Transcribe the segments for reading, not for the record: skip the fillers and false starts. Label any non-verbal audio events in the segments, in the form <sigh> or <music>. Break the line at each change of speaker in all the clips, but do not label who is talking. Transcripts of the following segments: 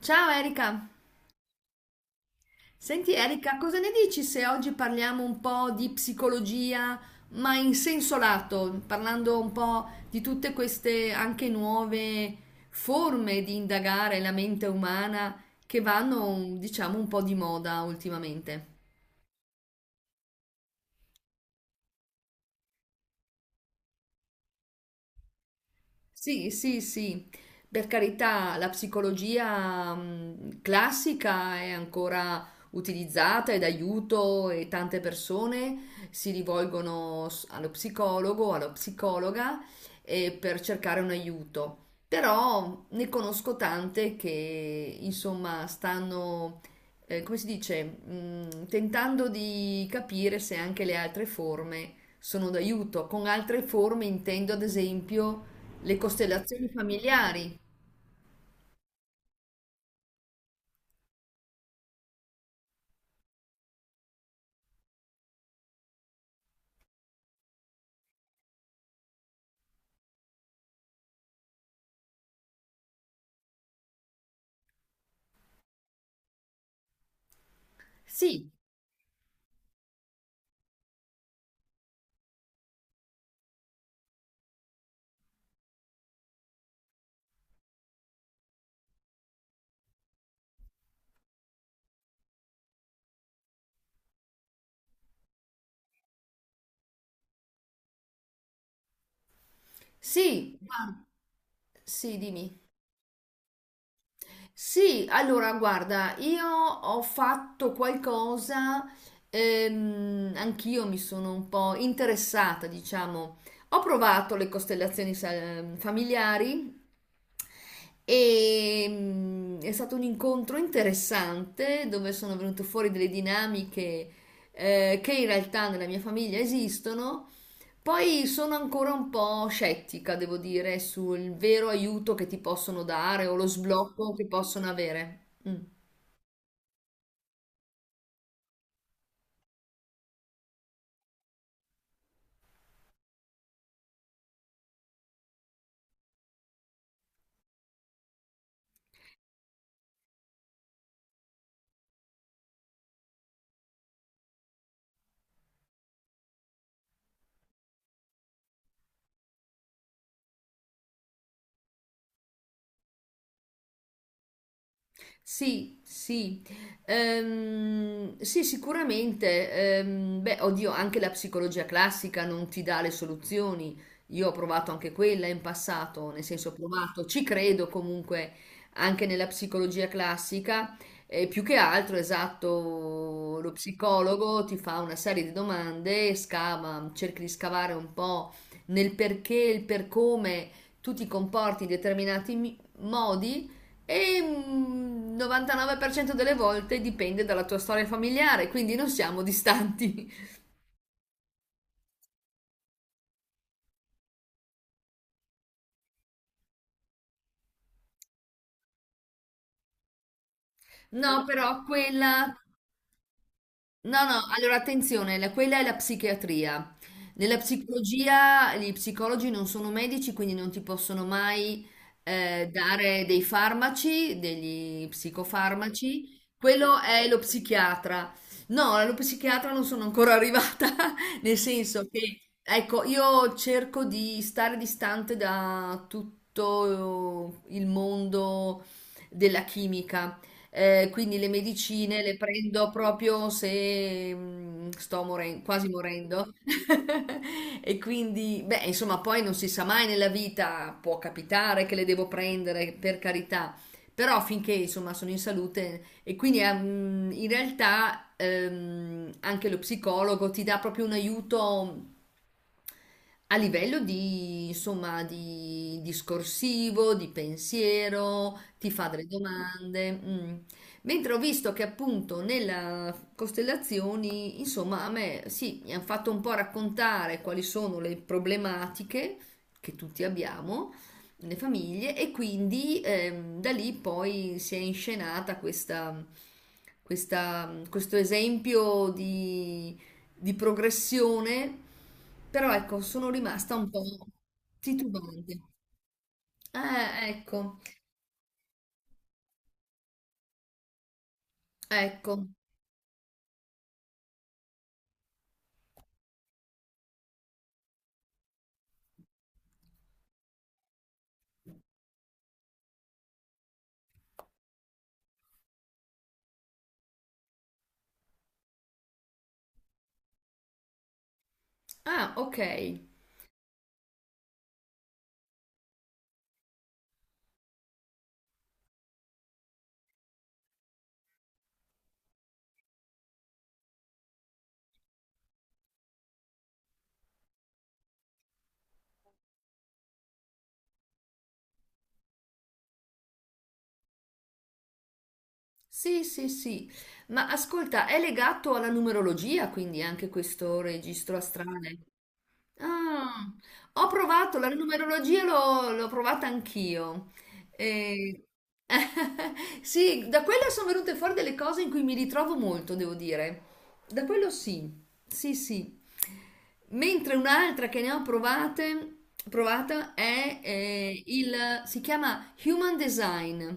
Ciao Erika, senti Erika, cosa ne dici se oggi parliamo un po' di psicologia, ma in senso lato, parlando un po' di tutte queste anche nuove forme di indagare la mente umana che vanno, diciamo, un po' di moda ultimamente? Sì, sì, sì, per carità, la psicologia classica è ancora utilizzata ed aiuto e tante persone si rivolgono allo psicologo, alla psicologa, per cercare un aiuto. Però ne conosco tante che insomma stanno, come si dice, tentando di capire se anche le altre forme sono d'aiuto. Con altre forme intendo ad esempio le costellazioni familiari? Sì, sì, guarda, sì, dimmi. Sì, allora guarda, io ho fatto qualcosa, anch'io mi sono un po' interessata, diciamo. Ho provato le costellazioni familiari e è stato un incontro interessante dove sono venute fuori delle dinamiche che in realtà nella mia famiglia esistono. Poi sono ancora un po' scettica, devo dire, sul vero aiuto che ti possono dare o lo sblocco che possono avere. Mm. Sì, sì, sì, sicuramente. Beh, oddio, anche la psicologia classica non ti dà le soluzioni. Io ho provato anche quella in passato, nel senso ho provato, ci credo comunque anche nella psicologia classica. E più che altro, esatto, lo psicologo ti fa una serie di domande, scava, cerchi di scavare un po' nel perché, il per come tu ti comporti in determinati modi e 99% delle volte dipende dalla tua storia familiare, quindi non siamo distanti. No, però quella... No, no, allora attenzione, quella è la psichiatria. Nella psicologia gli psicologi non sono medici, quindi non ti possono mai, dare dei farmaci, degli psicofarmaci. Quello è lo psichiatra. No, allo psichiatra non sono ancora arrivata, <laughs> nel senso che, ecco, io cerco di stare distante da tutto il mondo della chimica. Quindi le medicine le prendo proprio se sto quasi morendo. <laughs> E quindi, beh, insomma, poi non si sa mai nella vita, può capitare che le devo prendere, per carità, però finché insomma sono in salute e quindi in realtà anche lo psicologo ti dà proprio un aiuto a livello di, insomma, di discorsivo, di pensiero, ti fa delle domande. Mm. Mentre ho visto che appunto nella costellazioni, insomma, a me sì, mi hanno fatto un po' raccontare quali sono le problematiche che tutti abbiamo nelle famiglie e quindi da lì poi si è inscenata questa, questo esempio di progressione, però ecco, sono rimasta un po' titubante. Ecco, ecco. Ah, ok. Sì, sì, sì. Ma ascolta, è legato alla numerologia, quindi anche questo registro astrale? Ah, ho provato la numerologia, l'ho provata anch'io. E- <laughs> sì, da quella sono venute fuori delle cose in cui mi ritrovo molto, devo dire. Da quello sì, sì, sì. Mentre un'altra che ne ho provate, provata è il, si chiama Human Design.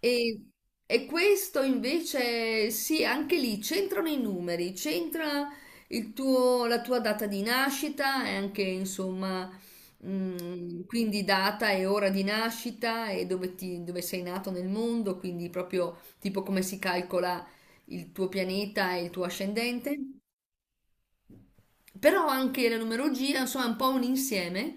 E, e questo invece, sì, anche lì c'entrano i numeri, c'entra la tua data di nascita e anche, insomma, quindi data e ora di nascita e dove, dove sei nato nel mondo, quindi proprio tipo come si calcola il tuo pianeta e il tuo ascendente. Però anche la numerologia, insomma, è un po' un insieme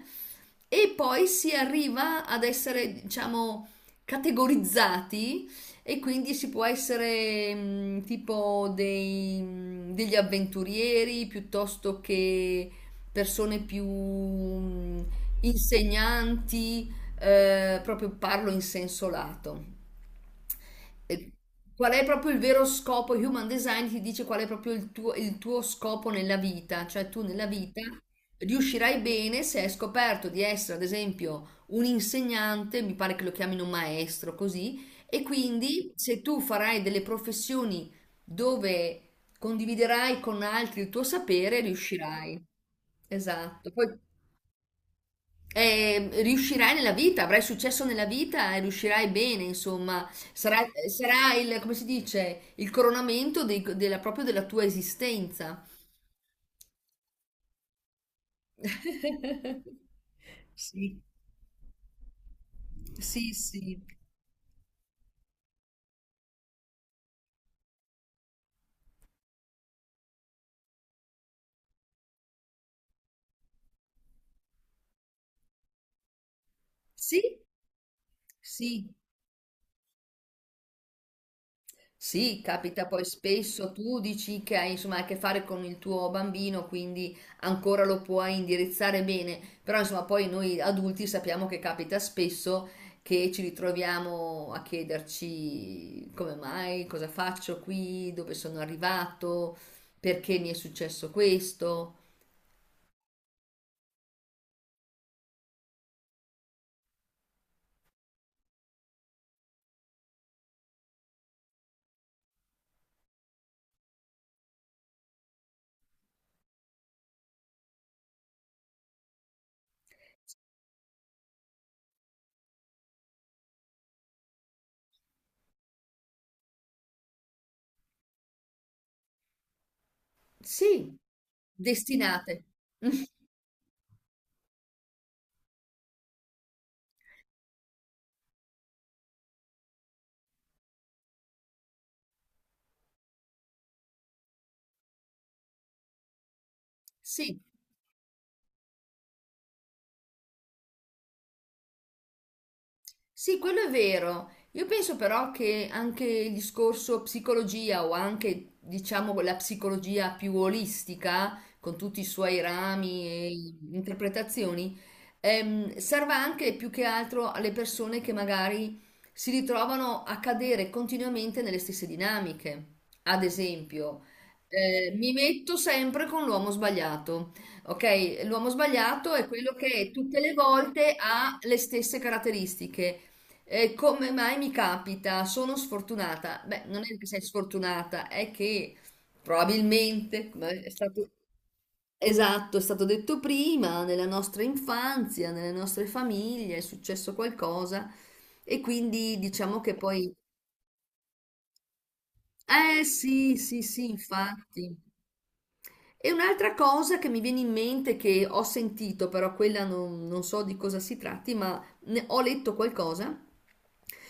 e poi si arriva ad essere, diciamo, categorizzati e quindi si può essere tipo dei, degli avventurieri piuttosto che persone più insegnanti, proprio parlo in senso lato, eh, qual è proprio il vero scopo? Human Design ti dice qual è proprio il tuo scopo nella vita, cioè tu nella vita riuscirai bene se hai scoperto di essere, ad esempio, un insegnante, mi pare che lo chiamino maestro, così, e quindi se tu farai delle professioni dove condividerai con altri il tuo sapere, riuscirai. Esatto. Poi e riuscirai nella vita, avrai successo nella vita e riuscirai bene, insomma, sarà, sarà il, come si dice, il coronamento della, proprio della tua esistenza. <laughs> Sì, sì, sì, sì, sì, sì, capita poi spesso, tu dici che hai insomma a che fare con il tuo bambino, quindi ancora lo puoi indirizzare bene, però insomma poi noi adulti sappiamo che capita spesso che ci ritroviamo a chiederci come mai, cosa faccio qui, dove sono arrivato, perché mi è successo questo. Sì, destinate. <laughs> Sì. Sì, quello è vero. Io penso però che anche il discorso psicologia o anche, diciamo, la psicologia più olistica, con tutti i suoi rami e interpretazioni, serva anche più che altro alle persone che magari si ritrovano a cadere continuamente nelle stesse dinamiche. Ad esempio, mi metto sempre con l'uomo sbagliato. Ok, l'uomo sbagliato è quello che tutte le volte ha le stesse caratteristiche e come mai mi capita? Sono sfortunata. Beh, non è che sei sfortunata, è che probabilmente, come è stato, esatto, è stato detto prima, nella nostra infanzia, nelle nostre famiglie è successo qualcosa e quindi diciamo che poi... Eh sì, sì, sì, infatti. E un'altra cosa che mi viene in mente, che ho sentito, però quella non, non so di cosa si tratti, ma ho letto qualcosa,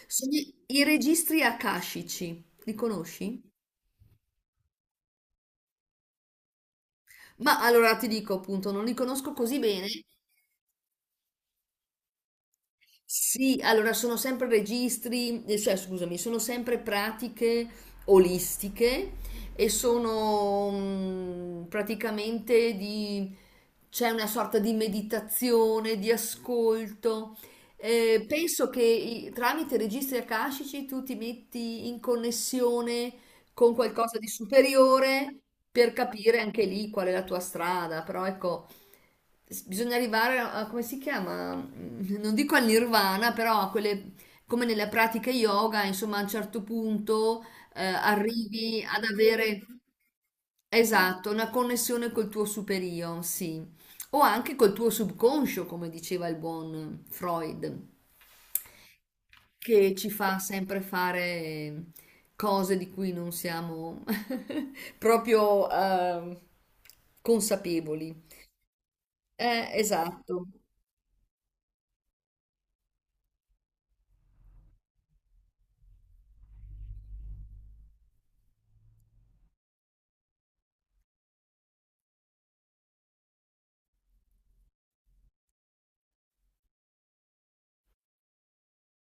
sono i registri akashici. Li conosci? Ma allora ti dico appunto, non li conosco così bene. Sì, allora sono sempre registri, cioè scusami, sono sempre pratiche olistiche e sono praticamente di, c'è una sorta di meditazione, di ascolto. Penso che tramite registri akashici tu ti metti in connessione con qualcosa di superiore per capire anche lì qual è la tua strada, però ecco, bisogna arrivare a, come si chiama? Non dico al nirvana, però a quelle, come nelle pratiche yoga, insomma, a un certo punto arrivi ad avere, esatto, una connessione col tuo superio, sì, o anche col tuo subconscio, come diceva il buon Freud che ci fa sempre fare cose di cui non siamo <laughs> proprio consapevoli. Esatto.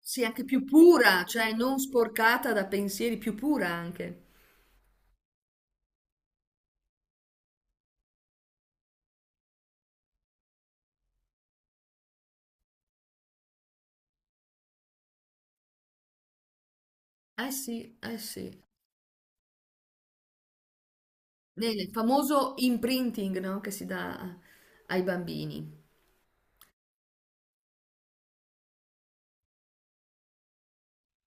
Sì, anche più pura, cioè non sporcata da pensieri, più pura anche. Eh sì, eh sì. Nel famoso imprinting, no, che si dà ai bambini.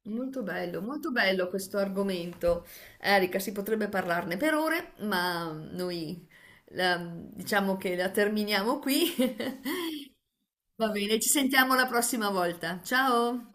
Molto bello questo argomento. Erika, si potrebbe parlarne per ore, ma noi diciamo che la terminiamo qui. <laughs> Va bene, ci sentiamo la prossima volta. Ciao!